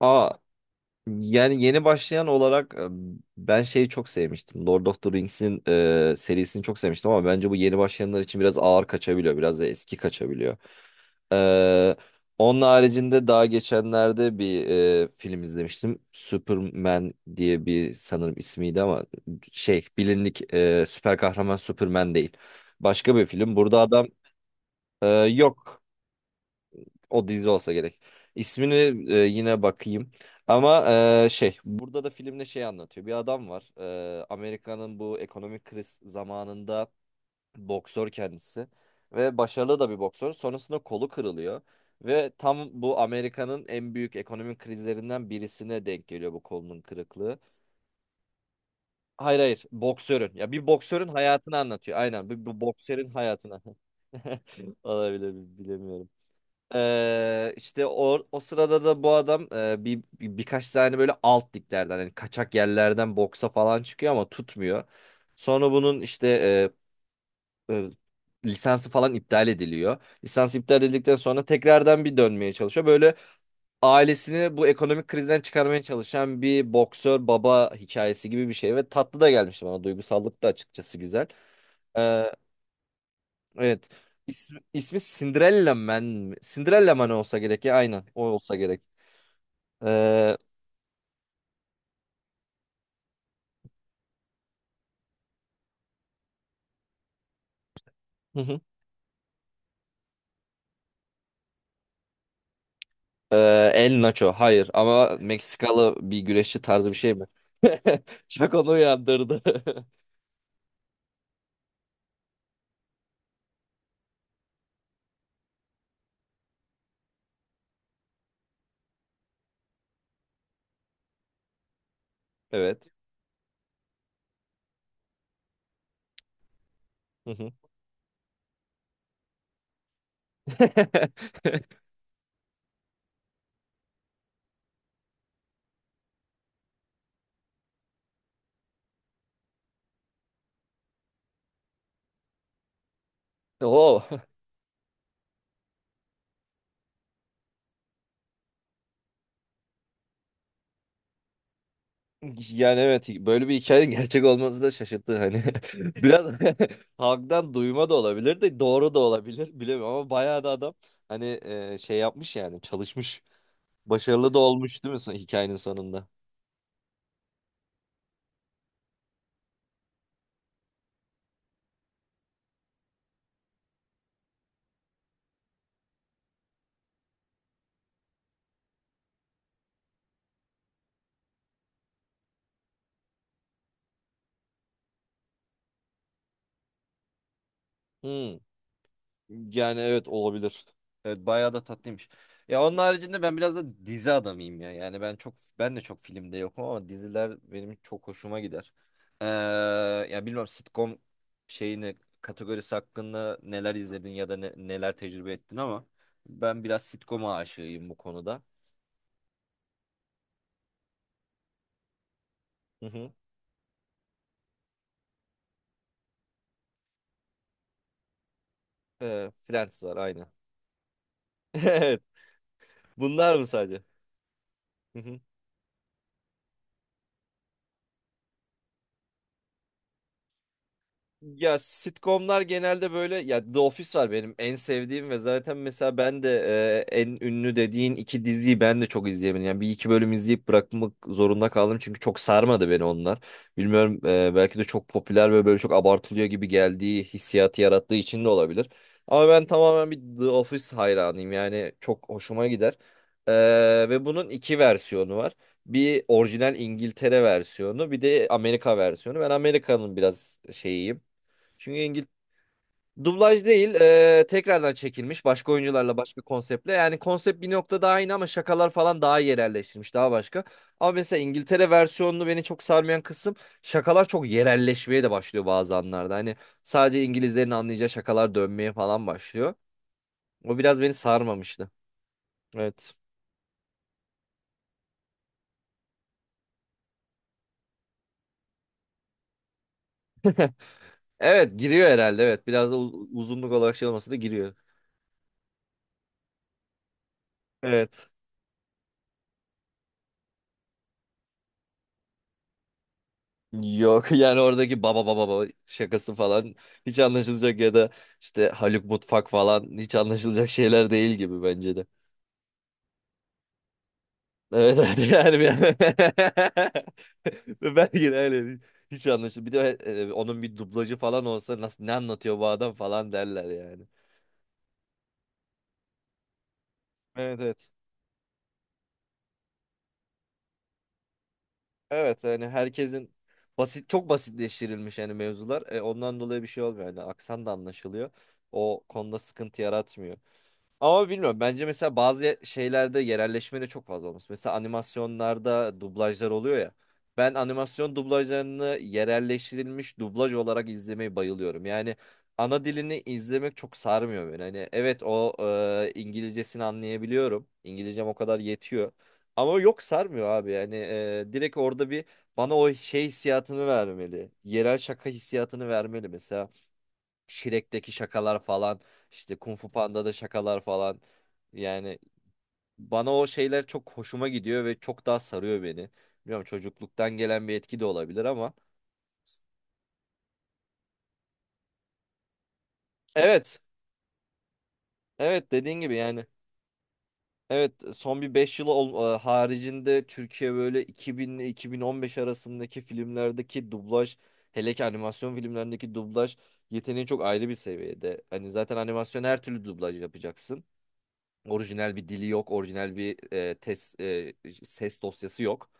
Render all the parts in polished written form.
Aa, yani yeni başlayan olarak ben şeyi çok sevmiştim. Lord of the Rings'in serisini çok sevmiştim ama bence bu yeni başlayanlar için biraz ağır kaçabiliyor. Biraz da eski kaçabiliyor. Ee, Onun haricinde daha geçenlerde bir film izlemiştim. Superman diye bir sanırım ismiydi ama şey bilindik süper kahraman Superman değil. Başka bir film. Burada adam yok. O dizi olsa gerek. İsmini yine bakayım. Ama şey burada da filmde şey anlatıyor. Bir adam var. Amerika'nın bu ekonomik kriz zamanında boksör kendisi ve başarılı da bir boksör. Sonrasında kolu kırılıyor ve tam bu Amerika'nın en büyük ekonomik krizlerinden birisine denk geliyor bu kolunun kırıklığı. Hayır hayır, boksörün. Ya bir boksörün hayatını anlatıyor. Aynen bu, boksörün hayatını. Olabilir, bilemiyorum. İşte o sırada da bu adam birkaç tane böyle alt liglerden yani kaçak yerlerden boksa falan çıkıyor ama tutmuyor. Sonra bunun işte e, e, lisansı falan iptal ediliyor. Lisans iptal edildikten sonra tekrardan bir dönmeye çalışıyor. Böyle ailesini bu ekonomik krizden çıkarmaya çalışan bir boksör baba hikayesi gibi bir şey ve tatlı da gelmişti bana, duygusallık da açıkçası güzel. Evet. İsmi Cinderella Man mi? Cinderella Man olsa gerek ya, aynen. O olsa gerek. Ee, hı hı. El Nacho. Hayır ama Meksikalı bir güreşçi tarzı bir şey mi? Çok onu uyandırdı. Evet. Hı hı. Oo. Yani evet, böyle bir hikayenin gerçek olması da şaşırttı hani. Biraz halktan duyma da olabilir de doğru da olabilir, bilemiyorum, ama bayağı da adam hani şey yapmış yani, çalışmış. Başarılı da olmuş değil mi hikayenin sonunda? Hmm. Yani evet, olabilir. Evet, bayağı da tatlıymış. Ya onun haricinde ben biraz da dizi adamıyım ya. Yani ben çok, ben de çok filmde yokum ama diziler benim çok hoşuma gider. Ee, Ya bilmiyorum, sitcom şeyini, kategorisi hakkında neler izledin ya da neler tecrübe ettin ama ben biraz sitcom'a aşığıyım bu konuda. Hı hı. Friends var aynı. Evet. Bunlar mı sadece? Ya sitcomlar genelde böyle, ya The Office var benim en sevdiğim, ve zaten mesela ben de en ünlü dediğin iki diziyi ben de çok izleyemedim. Yani bir iki bölüm izleyip bırakmak zorunda kaldım çünkü çok sarmadı beni onlar. Bilmiyorum, belki de çok popüler ve böyle çok abartılıyor gibi geldiği hissiyatı yarattığı için de olabilir. Ama ben tamamen bir The Office hayranıyım, yani çok hoşuma gider. Ve bunun iki versiyonu var. Bir orijinal İngiltere versiyonu, bir de Amerika versiyonu. Ben Amerika'nın biraz şeyiyim. Çünkü İngil Dublaj değil, tekrardan çekilmiş, başka oyuncularla başka konseptle. Yani konsept bir noktada aynı ama şakalar falan daha iyi yerelleştirilmiş, daha başka. Ama mesela İngiltere versiyonunu beni çok sarmayan kısım, şakalar çok yerelleşmeye de başlıyor bazı anlarda. Hani sadece İngilizlerin anlayacağı şakalar dönmeye falan başlıyor. O biraz beni sarmamıştı. Evet. Evet, giriyor herhalde. Evet, biraz da uzunluk olarak şey olmasa da giriyor. Evet. Yok, yani oradaki baba baba baba şakası falan hiç anlaşılacak ya da işte Haluk Mutfak falan hiç anlaşılacak şeyler değil gibi, bence de. Evet evet, yani belki de öyle hiç anlaşılır. Bir de onun bir dublajı falan olsa, nasıl, ne anlatıyor bu adam falan derler yani. Evet evet. Evet yani herkesin basit, çok basitleştirilmiş yani mevzular. Ondan dolayı bir şey olmuyor yani, aksan da anlaşılıyor. O konuda sıkıntı yaratmıyor. Ama bilmiyorum. Bence mesela bazı şeylerde yerelleşme de çok fazla olması. Mesela animasyonlarda dublajlar oluyor ya. Ben animasyon dublajlarını yerelleştirilmiş dublaj olarak izlemeyi bayılıyorum. Yani ana dilini izlemek çok sarmıyor beni. Hani evet, o İngilizcesini anlayabiliyorum. İngilizcem o kadar yetiyor. Ama yok, sarmıyor abi. Yani direkt orada bir bana o şey hissiyatını vermeli. Yerel şaka hissiyatını vermeli mesela. Shrek'teki şakalar falan, işte Kung Fu Panda'da şakalar falan, yani bana o şeyler çok hoşuma gidiyor ve çok daha sarıyor beni. Bilmiyorum, çocukluktan gelen bir etki de olabilir ama evet, evet, dediğin gibi yani. Evet, son bir 5 yıl haricinde Türkiye böyle 2000 ile 2015 arasındaki filmlerdeki dublaj, hele ki animasyon filmlerindeki dublaj yeteneği çok ayrı bir seviyede. Hani zaten animasyon, her türlü dublaj yapacaksın. Orijinal bir dili yok, orijinal bir test ses dosyası yok.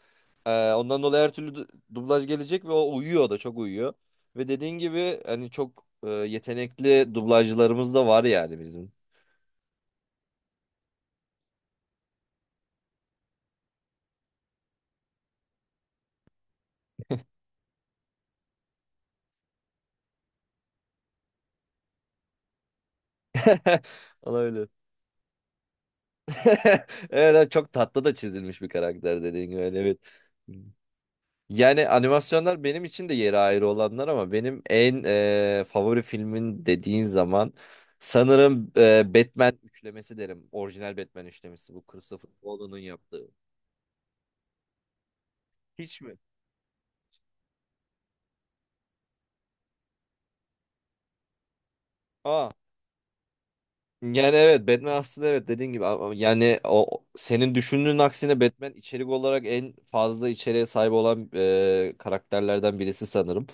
Ondan dolayı her türlü dublaj gelecek ve o uyuyor, da çok uyuyor. Ve dediğin gibi hani çok yetenekli dublajcılarımız da var yani bizim. Ona öyle. Evet, evet, çok tatlı da çizilmiş bir karakter dediğin gibi. Hani, evet. Yani animasyonlar benim için de yeri ayrı olanlar ama benim en favori filmin dediğin zaman sanırım Batman üçlemesi derim. Orijinal Batman üçlemesi, bu Christopher Nolan'ın yaptığı. Hiç mi? Aa. Yani evet, Batman aslında, evet dediğin gibi, ama yani o senin düşündüğün aksine Batman içerik olarak en fazla içeriğe sahip olan karakterlerden birisi sanırım.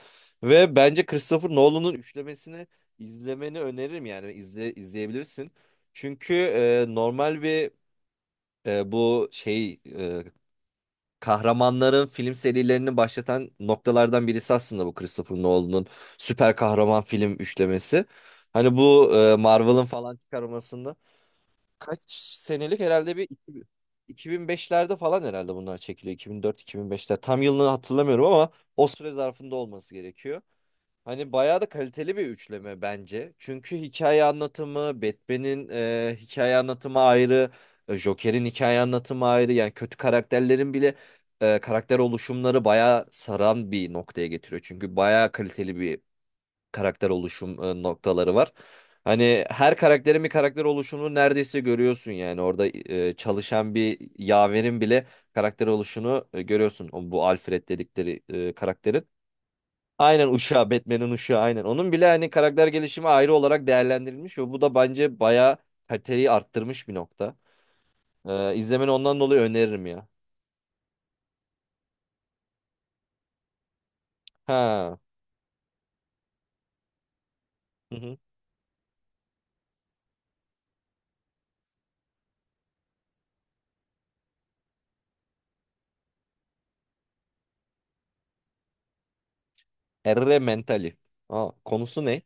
Ve bence Christopher Nolan'ın üçlemesini izlemeni öneririm, yani izle, izleyebilirsin. Çünkü normal bir e, bu şey e, kahramanların film serilerini başlatan noktalardan birisi aslında bu Christopher Nolan'ın süper kahraman film üçlemesi. Hani bu Marvel'ın falan çıkarmasında kaç senelik herhalde, bir 2000 2005'lerde falan herhalde bunlar çekiliyor. 2004-2005'ler. Tam yılını hatırlamıyorum ama o süre zarfında olması gerekiyor. Hani bayağı da kaliteli bir üçleme bence. Çünkü hikaye anlatımı, Batman'in hikaye anlatımı ayrı, Joker'in hikaye anlatımı ayrı. Yani kötü karakterlerin bile karakter oluşumları bayağı saran bir noktaya getiriyor. Çünkü bayağı kaliteli bir karakter oluşum noktaları var. Hani her karakterin bir karakter oluşumunu neredeyse görüyorsun yani, orada çalışan bir yaverin bile karakter oluşunu görüyorsun. Bu Alfred dedikleri karakterin. Aynen, uşağı, Batman'in uşağı aynen. Onun bile hani karakter gelişimi ayrı olarak değerlendirilmiş ve bu da bence bayağı kaliteyi arttırmış bir nokta. İzlemeni ondan dolayı öneririm ya. Ha. Hı hı. Erre Mentali. Aa, konusu ne?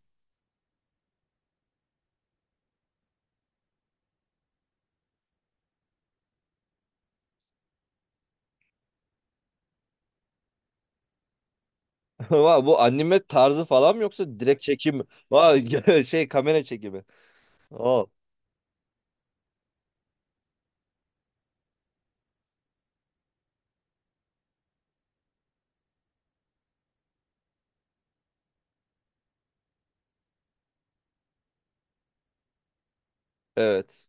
Vay, bu anime tarzı falan mı yoksa direkt çekim? Vay, şey, kamera çekimi. Oo, evet.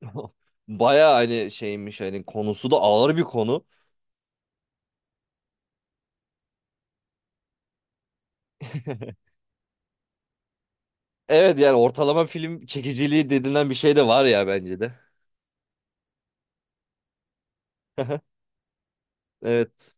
Baya hani şeymiş, hani konusu da ağır bir konu. Evet yani ortalama film çekiciliği denilen bir şey de var ya, bence de. Evet.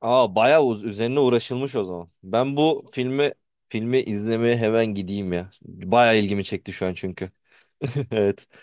Aa, bayağı üzerine uğraşılmış o zaman. Ben bu filmi izlemeye hemen gideyim ya. Bayağı ilgimi çekti şu an çünkü. Evet.